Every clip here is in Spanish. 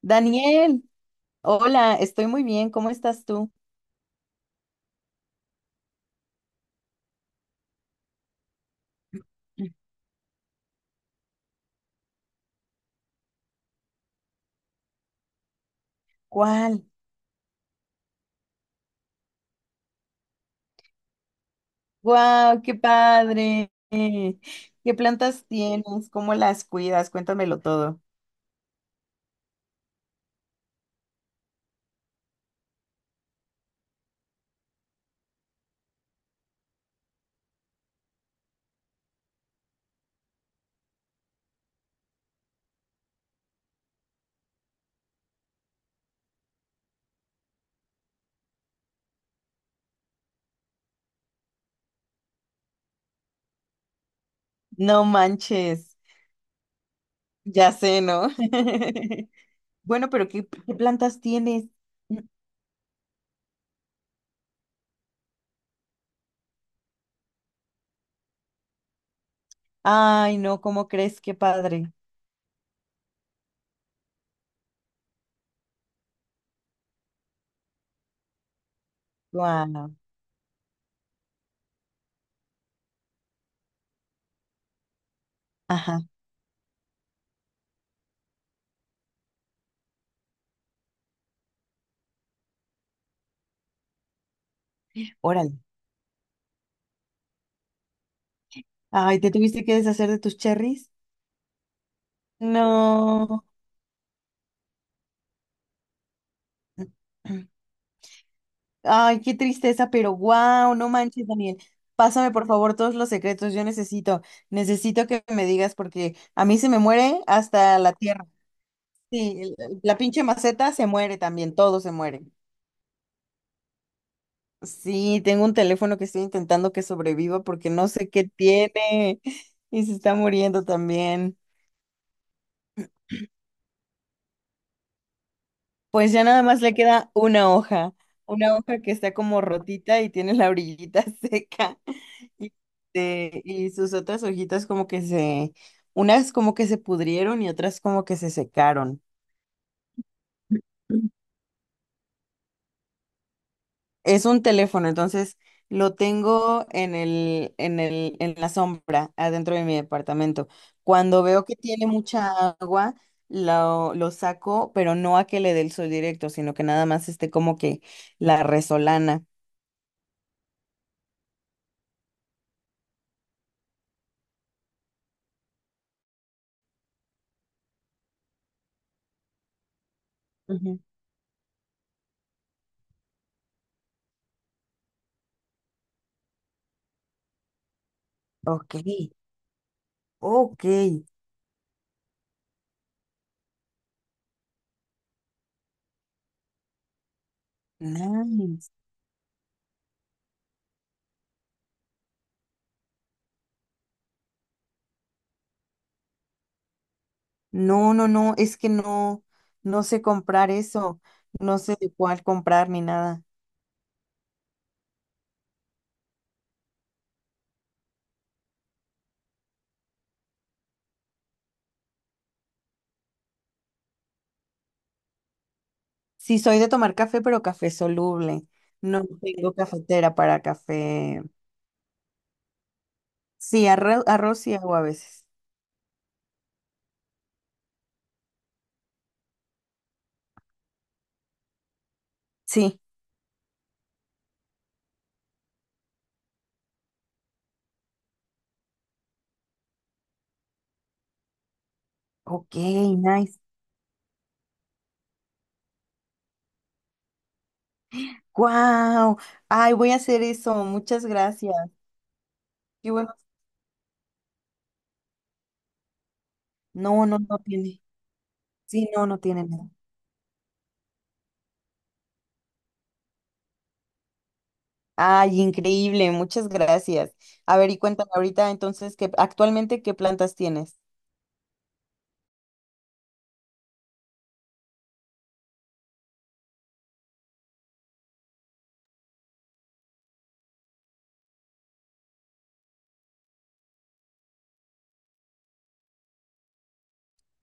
Daniel, hola, estoy muy bien, ¿cómo estás tú? ¿Cuál? ¡Guau, qué padre! ¿Qué plantas tienes? ¿Cómo las cuidas? Cuéntamelo todo. No manches, ya sé, ¿no? Bueno, pero ¿qué plantas tienes? Ay, no, ¿cómo crees? Qué padre. ¡Guau! Ajá, órale. Ay, ¿te tuviste que deshacer de tus cherries? No. Ay, qué tristeza, pero wow, no manches, Daniel. Pásame por favor todos los secretos, yo necesito, necesito que me digas porque a mí se me muere hasta la tierra. Sí, la pinche maceta se muere también, todo se muere. Sí, tengo un teléfono que estoy intentando que sobreviva porque no sé qué tiene y se está muriendo también. Pues ya nada más le queda una hoja que está como rotita y tiene la orillita seca y, este, y sus otras hojitas como que se, unas como que se pudrieron y otras como que se secaron. Es un teléfono, entonces lo tengo en la sombra, adentro de mi departamento. Cuando veo que tiene mucha agua, lo saco, pero no a que le dé el sol directo, sino que nada más esté como que la resolana. Ok, ok, nice. No, es que no, no sé comprar eso, no sé de cuál comprar ni nada. Sí, soy de tomar café, pero café soluble. No tengo cafetera para café. Sí, arroz, arroz y agua a veces. Sí, ok, nice. Wow, ay, voy a hacer eso, muchas gracias. Qué bueno. No, no, no tiene. Sí, no, no tiene nada. Ay, increíble, muchas gracias. A ver, y cuéntame ahorita entonces que actualmente qué plantas tienes.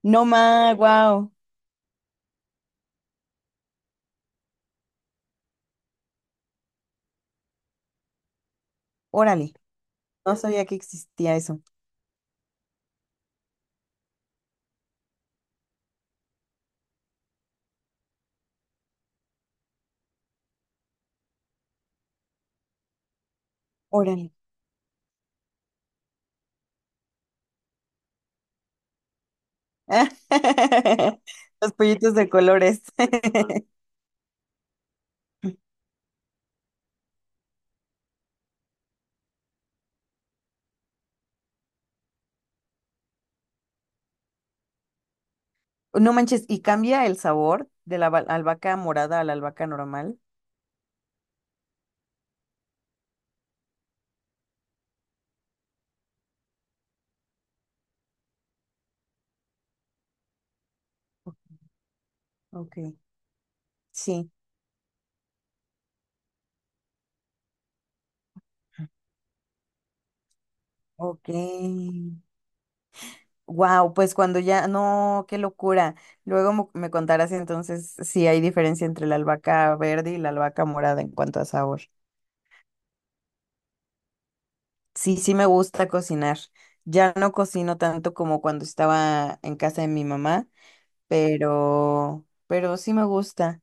No más, wow. Órale, no sabía que existía eso. Órale. Los pollitos de colores. No manches, ¿y cambia el sabor de la albahaca morada a la albahaca normal? Ok. Sí, ok. Wow, pues cuando ya, no, qué locura. Luego me contarás entonces si hay diferencia entre la albahaca verde y la albahaca morada en cuanto a sabor. Sí, sí me gusta cocinar. Ya no cocino tanto como cuando estaba en casa de mi mamá, pero sí me gusta.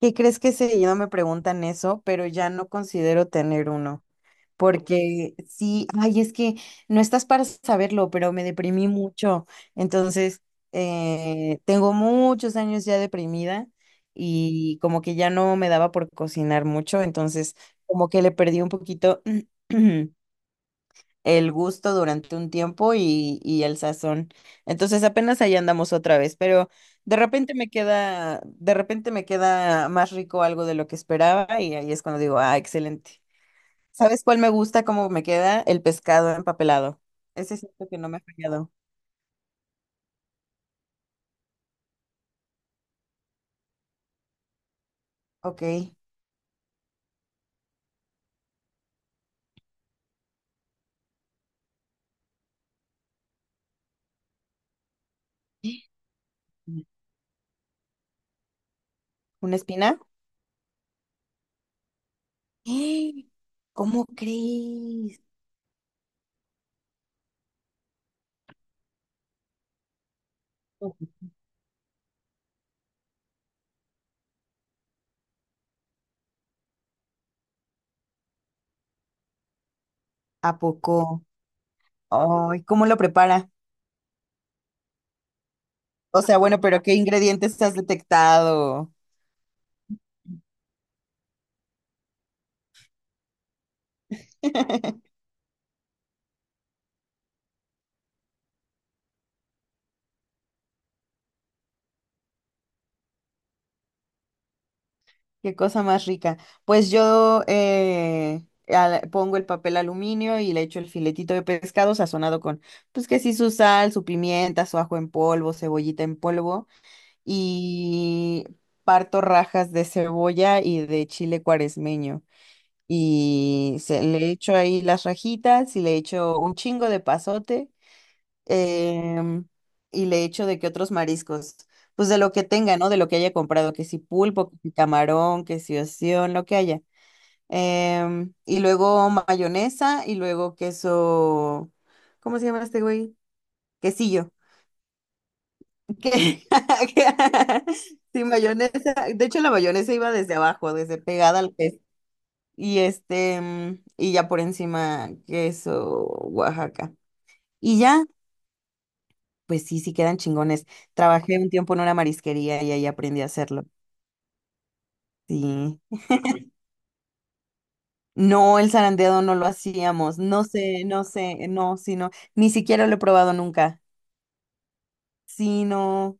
¿Qué crees que seguido me preguntan eso, pero ya no considero tener uno? Porque sí, ay, es que no estás para saberlo, pero me deprimí mucho. Entonces, tengo muchos años ya deprimida y como que ya no me daba por cocinar mucho, entonces como que le perdí un poquito. El gusto durante un tiempo y el sazón. Entonces apenas ahí andamos otra vez, pero de repente me queda, de repente me queda más rico algo de lo que esperaba y ahí es cuando digo, ah, excelente. ¿Sabes cuál me gusta? ¿Cómo me queda? El pescado empapelado. Ese siento que no me ha fallado. Ok. ¿Una espina? ¡Eh! ¿Cómo crees? ¿A poco? Ay, ¿cómo lo prepara? O sea, bueno, pero ¿qué ingredientes has detectado? Qué cosa más rica. Pues yo pongo el papel aluminio y le echo el filetito de pescado sazonado con, pues que sí, su sal, su pimienta, su ajo en polvo, cebollita en polvo y parto rajas de cebolla y de chile cuaresmeño. Y se, le echo ahí las rajitas y le echo un chingo de pasote em, y le echo de que otros mariscos, pues de lo que tenga, ¿no? De lo que haya comprado, que si pulpo, que si camarón, que si ostión, lo que haya. Y luego mayonesa y luego queso, ¿cómo se llama este güey? Quesillo. Que- Sí, mayonesa. De hecho, la mayonesa iba desde abajo, desde pegada al pez. Y este, mm, y ya por encima queso Oaxaca. Y ya, pues sí, sí quedan chingones. Trabajé un tiempo en una marisquería y ahí aprendí a hacerlo. Sí. No, el zarandeado no lo hacíamos. No sé, no sé, no, sí, no. Ni siquiera lo he probado nunca. Sí, no.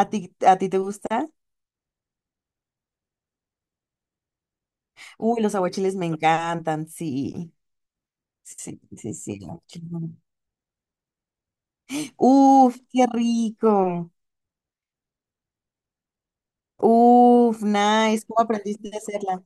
A ti te gusta? Uy, los aguachiles me encantan, sí. Sí, sí, sí. El aguachile. Uf, qué rico. Uf, nice. ¿Cómo aprendiste a hacerla?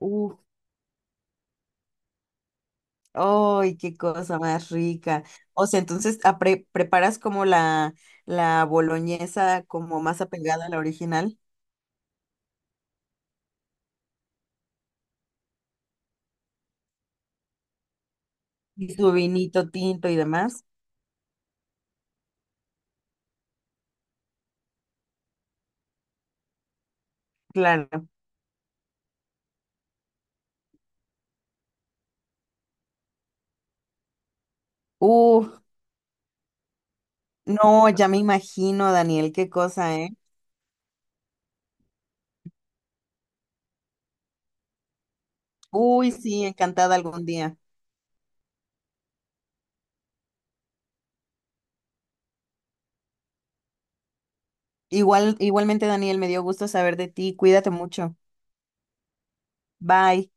Uf. ¡Ay, qué cosa más rica! O sea, entonces ah, preparas como la boloñesa como más apegada a la original y su vinito tinto y demás. Claro. Uh, no, ya me imagino, Daniel, qué cosa, ¿eh? Uy, sí, encantada algún día. Igual, igualmente, Daniel, me dio gusto saber de ti. Cuídate mucho. Bye.